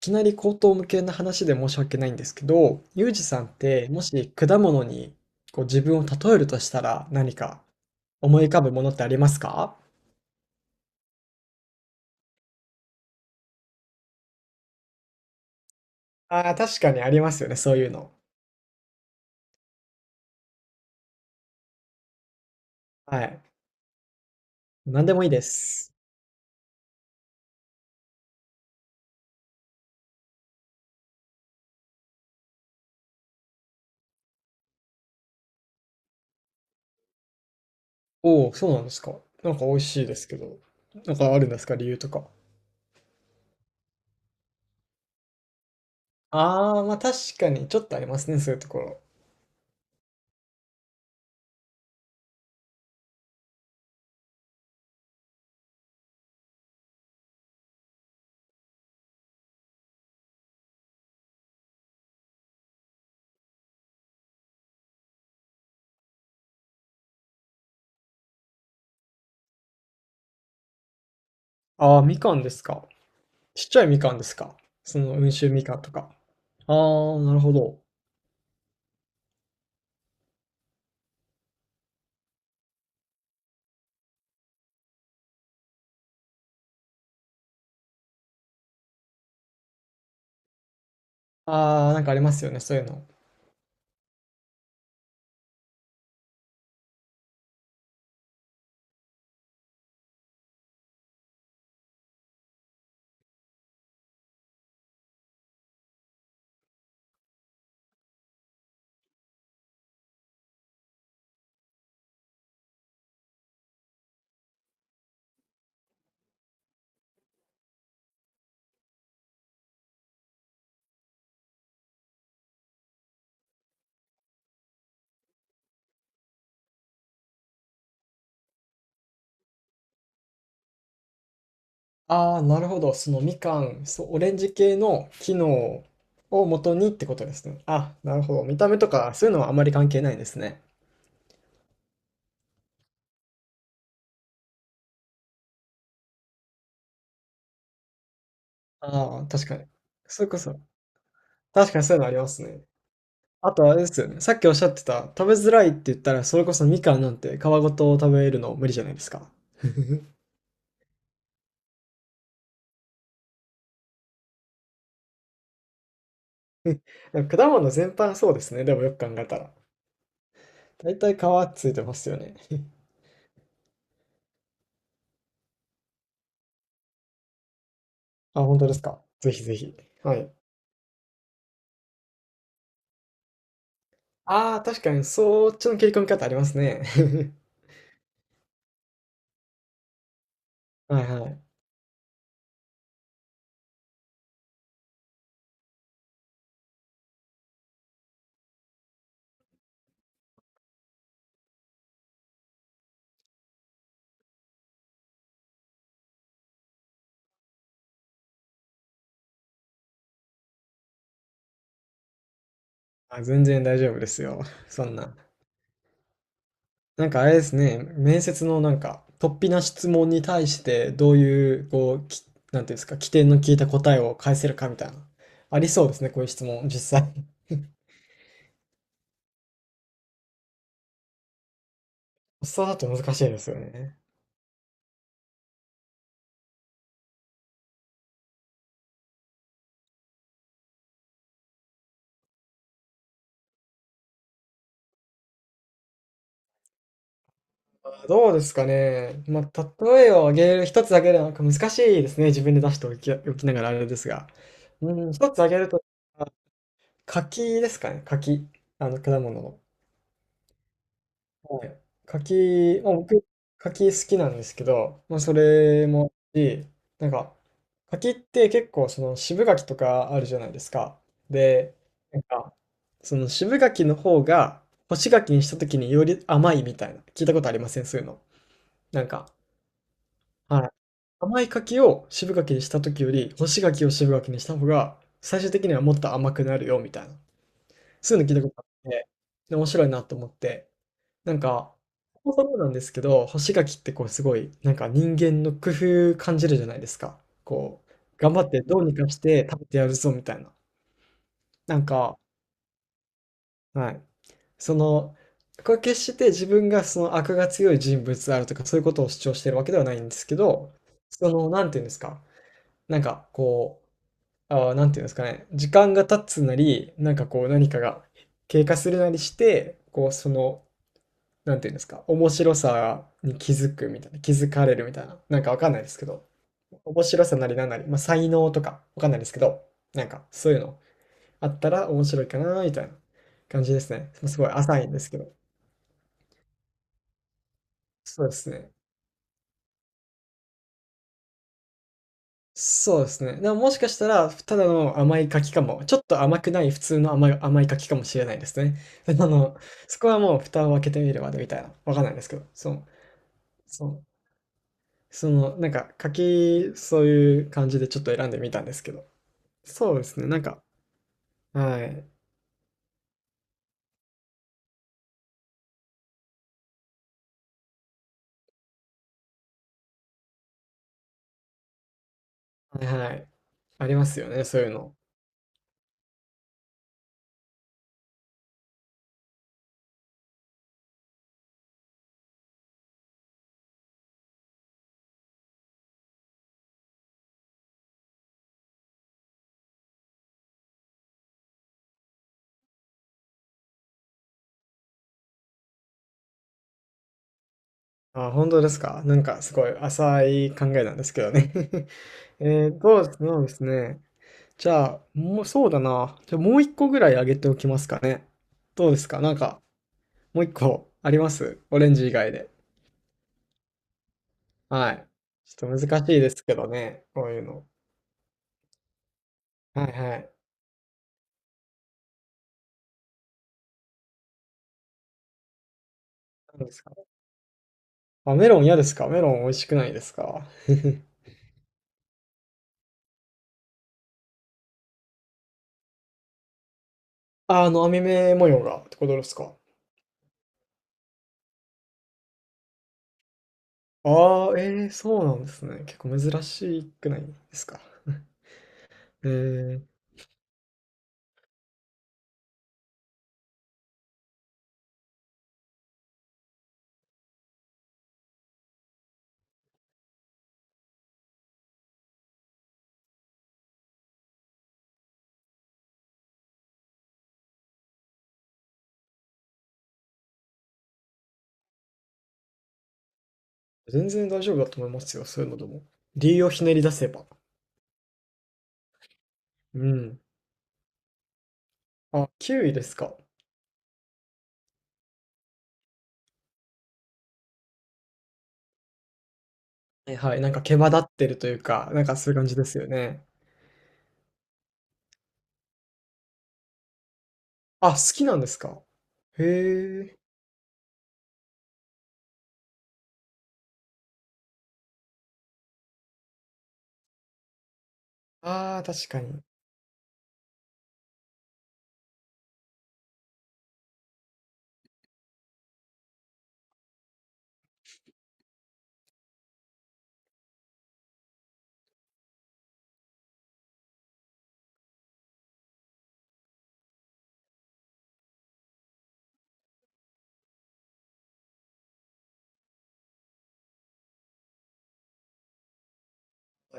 きなり口頭無けな話で申し訳ないんですけど、ユージさんってもし果物にこう自分を例えるとしたら何か思い浮かぶものってありますか？ああー、確かにありますよね、そういうの。はい。何でもいいです。おお、そうなんですか。なんか美味しいですけど。なんかあるんですか、理由とか。ああ、まあ確かにちょっとありますね、そういうところ。ああ、みかんですか。ちっちゃいみかんですか。その温州みかんとか。ああ、なるほど。ああ、なんかありますよね、そういうの。ああ、なるほど。そのみかん、そう、オレンジ系の機能を元にってことですね。あ、なるほど。見た目とか、そういうのはあまり関係ないですね。ああ、確かに。それこそ、確かにそういうのありますね。あとあれですよね。さっきおっしゃってた、食べづらいって言ったら、それこそみかんなんて皮ごと食べるの無理じゃないですか。でも果物全般そうですね。でもよく考えたら。大体皮ついてますよね。あ、本当ですか。ぜひぜひ。はい。ああ、確かに、そっちの切り込み方ありますね。はいはい。あ、全然大丈夫ですよ。そんな。なんかあれですね、面接のなんか、突飛な質問に対して、どういう、こう、き、なんていうんですか、起点の効いた答えを返せるかみたいな。ありそうですね、こういう質問、実際。そうだと難しいですよね。どうですかね。まあ、例えを挙げる一つだけでなんか難しいですね。自分で出しておき、おきながらあれですが。うん、一つ挙げると、柿ですかね、柿。あの、果物の。はい。柿、まあ、僕、柿好きなんですけど、まあ、それもあるし、なんか、柿って結構、その渋柿とかあるじゃないですか。で、なんか、その渋柿の方が、干し柿にした時により甘いみたいな、聞いたことありませんそういうの。なんか、はい。甘い柿を渋柿にした時より、干し柿を渋柿にした方が、最終的にはもっと甘くなるよ、みたいな。そういうの聞いたことあって、で面白いなと思って、なんか、そもそもなんですけど、干し柿ってこうすごい、なんか人間の工夫感じるじゃないですか。こう、頑張ってどうにかして食べてやるぞみたいな。なんか、はい。その、これ決して自分がその悪が強い人物であるとかそういうことを主張してるわけではないんですけど、その、なんていうんですか、なんかこう、ああ、なんていうんですかね、時間が経つなり、なんかこう何かが経過するなりして、こうそのなんていうんですか、面白さに気づくみたいな、気づかれるみたいな、なんかわかんないですけど、面白さなりなんなり、まあ、才能とかわかんないですけど、なんかそういうのあったら面白いかなみたいな感じですね。すごい浅いんですけど。そうですね。そうですね。でももしかしたら、ただの甘い柿かも、ちょっと甘くない普通の甘い、甘い柿かもしれないですね。あの、そこはもう蓋を開けてみるまでみたいな、わかんないですけど、そう、そう、その、なんか柿、そういう感じでちょっと選んでみたんですけど。そうですね、なんか、はい。はいはい。ありますよね、そういうの。あ、本当ですか。なんかすごい浅い考えなんですけどね。えっと、どうそうですね。じゃあ、もうそうだな。じゃあもう一個ぐらいあげておきますかね。どうですかなんか、もう一個ありますオレンジ以外で？はい。ちょっと難しいですけどね、こういうの。はいはい。何ですか？あ、メロン嫌ですか？メロン美味しくないですか？ あ、あの網目模様がってことですか？ああ、ええ、そうなんですね。結構珍しくないですか。ええ、全然大丈夫だと思いますよ、そういうのでも。理由をひねり出せば。うん。あ、キウイですか。はいはい、なんか毛羽立ってるというか、なんかそういう感じですよね。あ、好きなんですか。へえ。ああ、確かに。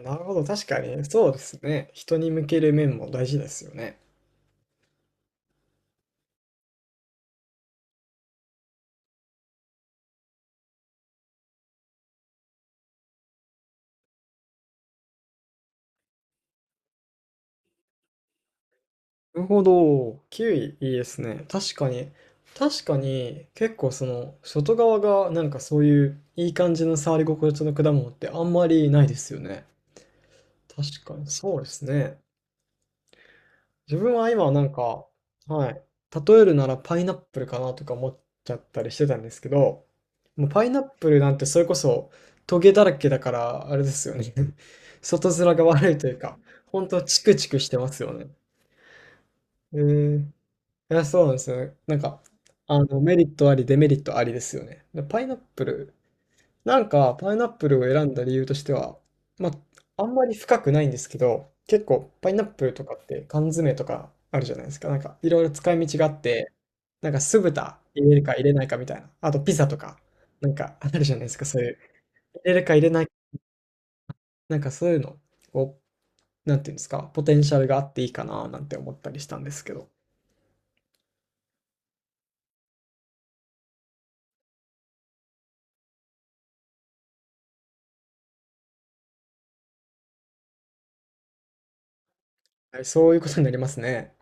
なるほど、確かに。そうですね。人に向ける面も大事ですよね。なるほど。キウイいいですね。確かに。確かに、結構その、外側がなんかそういういい感じの触り心地の果物ってあんまりないですよね。確かに、そうですね。自分は今なんか、はい。例えるならパイナップルかなとか思っちゃったりしてたんですけど、もうパイナップルなんてそれこそトゲだらけだから、あれですよね。外面が悪いというか、ほんとチクチクしてますよね。えーいや、そうなんですよね。なんか、あの、メリットあり、デメリットありですよね。で、パイナップル、なんか、パイナップルを選んだ理由としては、まあ、あんまり深くないんですけど、結構、パイナップルとかって缶詰とかあるじゃないですか。なんか、いろいろ使い道があって、なんか、酢豚入れるか入れないかみたいな。あと、ピザとか、なんか、あるじゃないですか。そういう、入れるか入れない、なんか、そういうの、こう、なんていうんですか、ポテンシャルがあっていいかな、なんて思ったりしたんですけど、はい、そういうことになりますね。